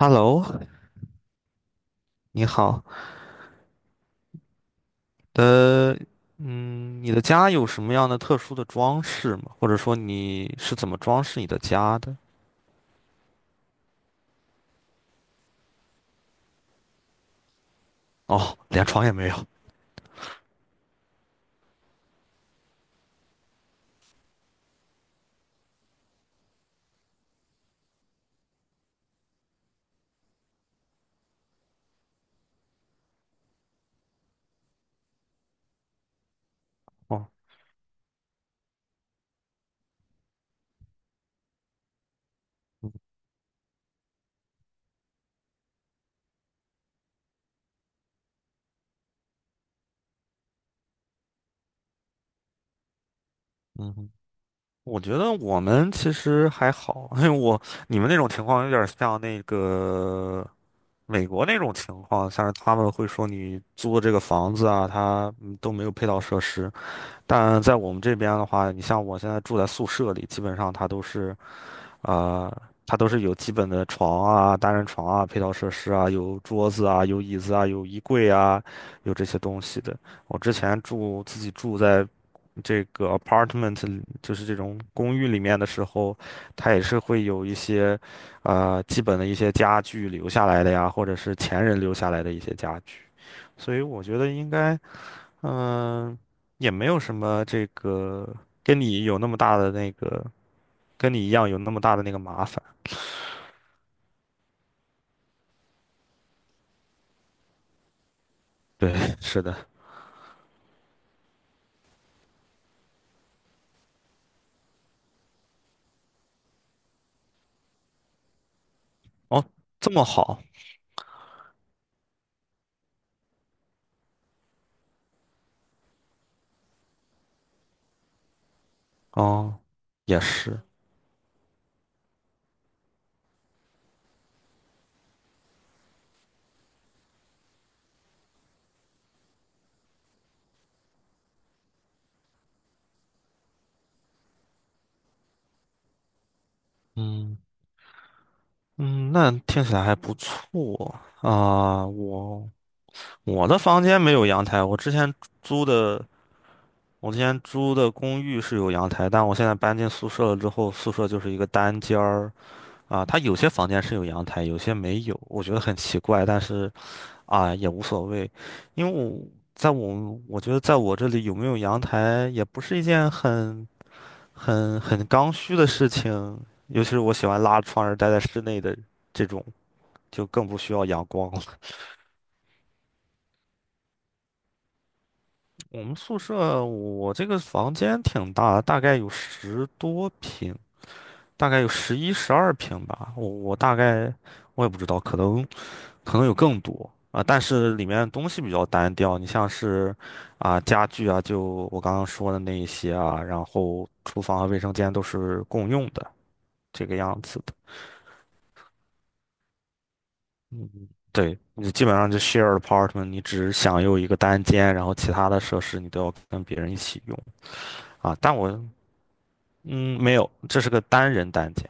Hello，你好。呃，你的家有什么样的特殊的装饰吗？或者说你是怎么装饰你的家的？哦，连床也没有。哦，嗯嗯哼，我觉得我们其实还好，因为你们那种情况有点像那个美国那种情况，像是他们会说你租的这个房子啊，它都没有配套设施。但在我们这边的话，你像我现在住在宿舍里，基本上它都是。啊、它都是有基本的床啊、单人床啊、配套设施啊，有桌子啊、有椅子啊、有衣柜啊，有这些东西的。我之前自己住在这个 apartment，里就是这种公寓里面的时候，它也是会有一些基本的一些家具留下来的呀，或者是前人留下来的一些家具。所以我觉得应该，嗯、也没有什么这个跟你有那么大的那个，跟你一样有那么大的那个麻烦。对，是的。哦，这么好，哦，也是。嗯嗯，那听起来还不错啊。我的房间没有阳台，租的我之前租的公寓是有阳台，但我现在搬进宿舍了之后，宿舍就是一个单间儿啊。它有些房间是有阳台，有些没有，我觉得很奇怪，但是啊也无所谓，因为我觉得在我这里有没有阳台也不是一件很刚需的事情，尤其是我喜欢拉窗帘儿待在室内的这种，就更不需要阳光了。我们宿舍我这个房间挺大的大概有十多平，大概有11、12平吧。我大概我也不知道，可能有更多啊。但是里面东西比较单调，你像是啊家具啊，就我刚刚说的那一些啊，然后厨房和卫生间都是共用的这个样子的。嗯，对，你基本上就 share apartment，你只享用一个单间，然后其他的设施你都要跟别人一起用啊。但我嗯没有，这是个单人单间。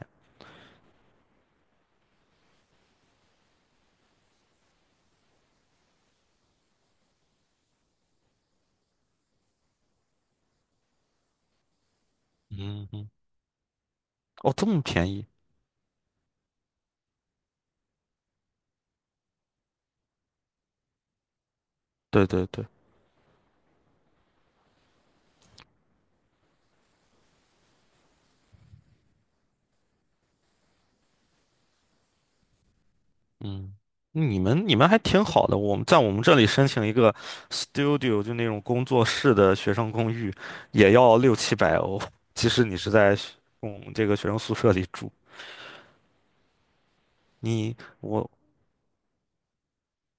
嗯嗯，哦，这么便宜？对对对，嗯，你们还挺好的。我们在我们这里申请一个 studio，就那种工作室的学生公寓，也要六七百欧。即使你是在学嗯这个学生宿舍里住，你我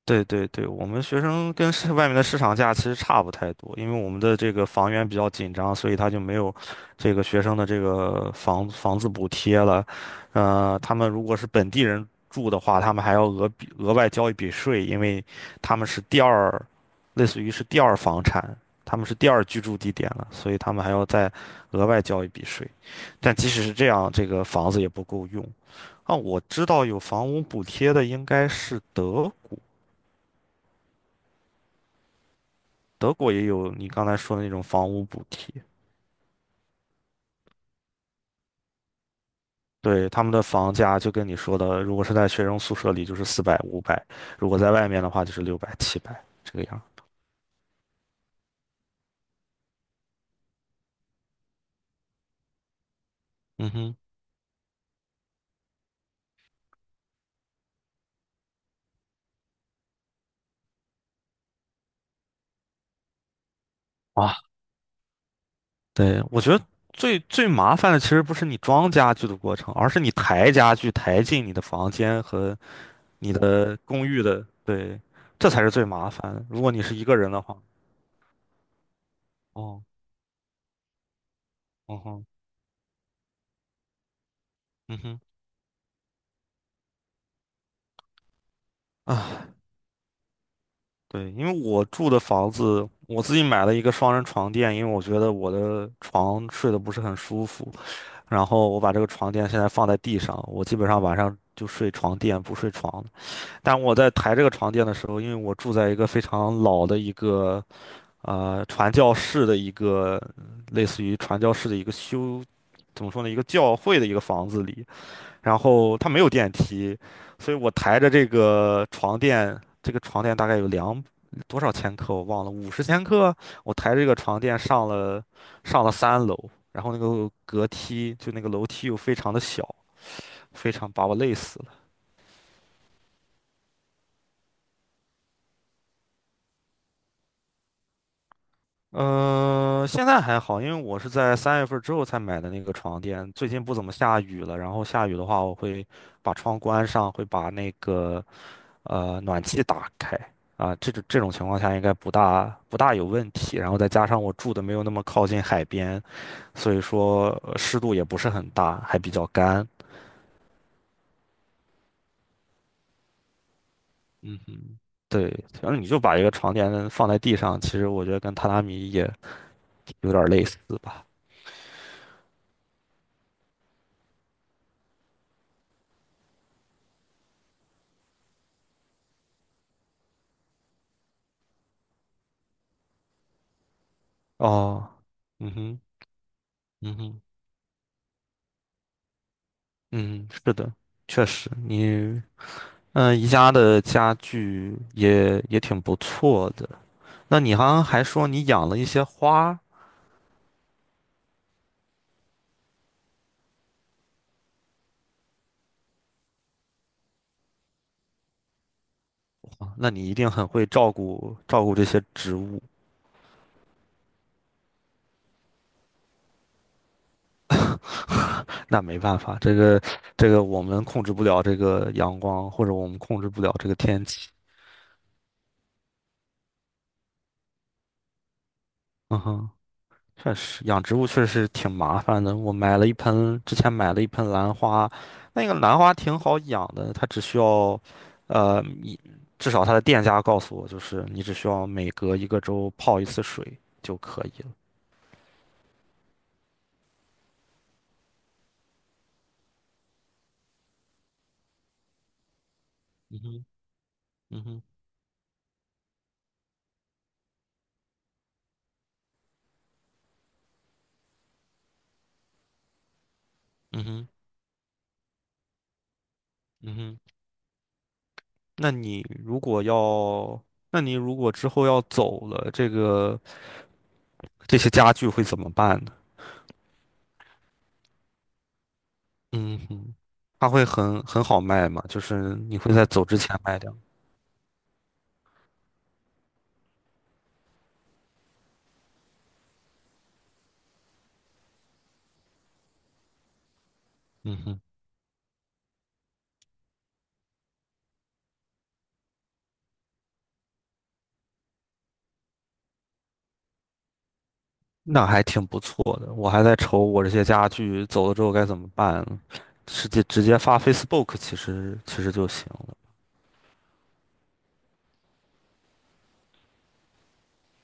对对对，我们学生跟市外面的市场价其实差不太多，因为我们的这个房源比较紧张，所以他就没有这个学生的这个房子补贴了。呃，他们如果是本地人住的话，他们还要额外交一笔税，因为他们是第二，类似于是第二房产，他们是第二居住地点了，所以他们还要再额外交一笔税。但即使是这样，这个房子也不够用。啊，我知道有房屋补贴的应该是德国。德国也有你刚才说的那种房屋补贴，对，他们的房价就跟你说的，如果是在学生宿舍里就是400、500，如果在外面的话就是600、700这个样。嗯哼，啊，对，我觉得最最麻烦的其实不是你装家具的过程，而是你抬家具抬进你的房间和你的公寓的，对，这才是最麻烦的。如果你是一个人的话，哦，嗯哼，嗯哼。啊，对，因为我住的房子，我自己买了一个双人床垫，因为我觉得我的床睡得不是很舒服，然后我把这个床垫现在放在地上，我基本上晚上就睡床垫，不睡床。但我在抬这个床垫的时候，因为我住在一个非常老的一个传教士的一个类似于传教士的一个修，怎么说呢，一个教会的一个房子里，然后它没有电梯，所以我抬着这个床垫，这个床垫大概有多少千克我忘了，50千克，我抬着这个床垫上了3楼，然后那个隔梯就那个楼梯又非常的小，非常把我累死了。嗯、现在还好，因为我是在3月份之后才买的那个床垫，最近不怎么下雨了，然后下雨的话我会把窗关上，会把那个暖气打开啊，这种情况下应该不大有问题。然后再加上我住的没有那么靠近海边，所以说湿度也不是很大，还比较干。嗯哼，对，反正你就把一个床垫放在地上，其实我觉得跟榻榻米也有点类似吧。哦，嗯哼，嗯哼，嗯，是的，确实，你宜家的家具也挺不错的。那你好像还说你养了一些花。哇那你一定很会照顾照顾这些植物，那没办法，这个我们控制不了这个阳光，或者我们控制不了这个天气。嗯哼，确实，养植物确实挺麻烦的。我买了一盆，之前买了一盆兰花，那个兰花挺好养的，它只需要，呃，一至少它的店家告诉我，就是你只需要每隔一个周泡一次水就可以了。嗯哼，嗯哼，嗯哼，嗯哼。那你如果要，那你如果之后要走了，这个这些家具会怎么办呢？嗯哼，它会很好卖吗？就是你会在走之前卖掉？嗯哼，那还挺不错的。我还在愁我这些家具走了之后该怎么办，直接发 Facebook 其实就行了。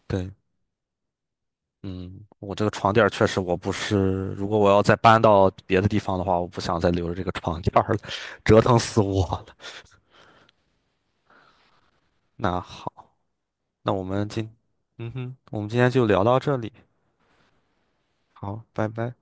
对，嗯，我这个床垫儿确实我不是，如果我要再搬到别的地方的话，我不想再留着这个床垫儿了，折腾死我了。那好。那我们今，嗯哼，我们今天就聊到这里，好，拜拜。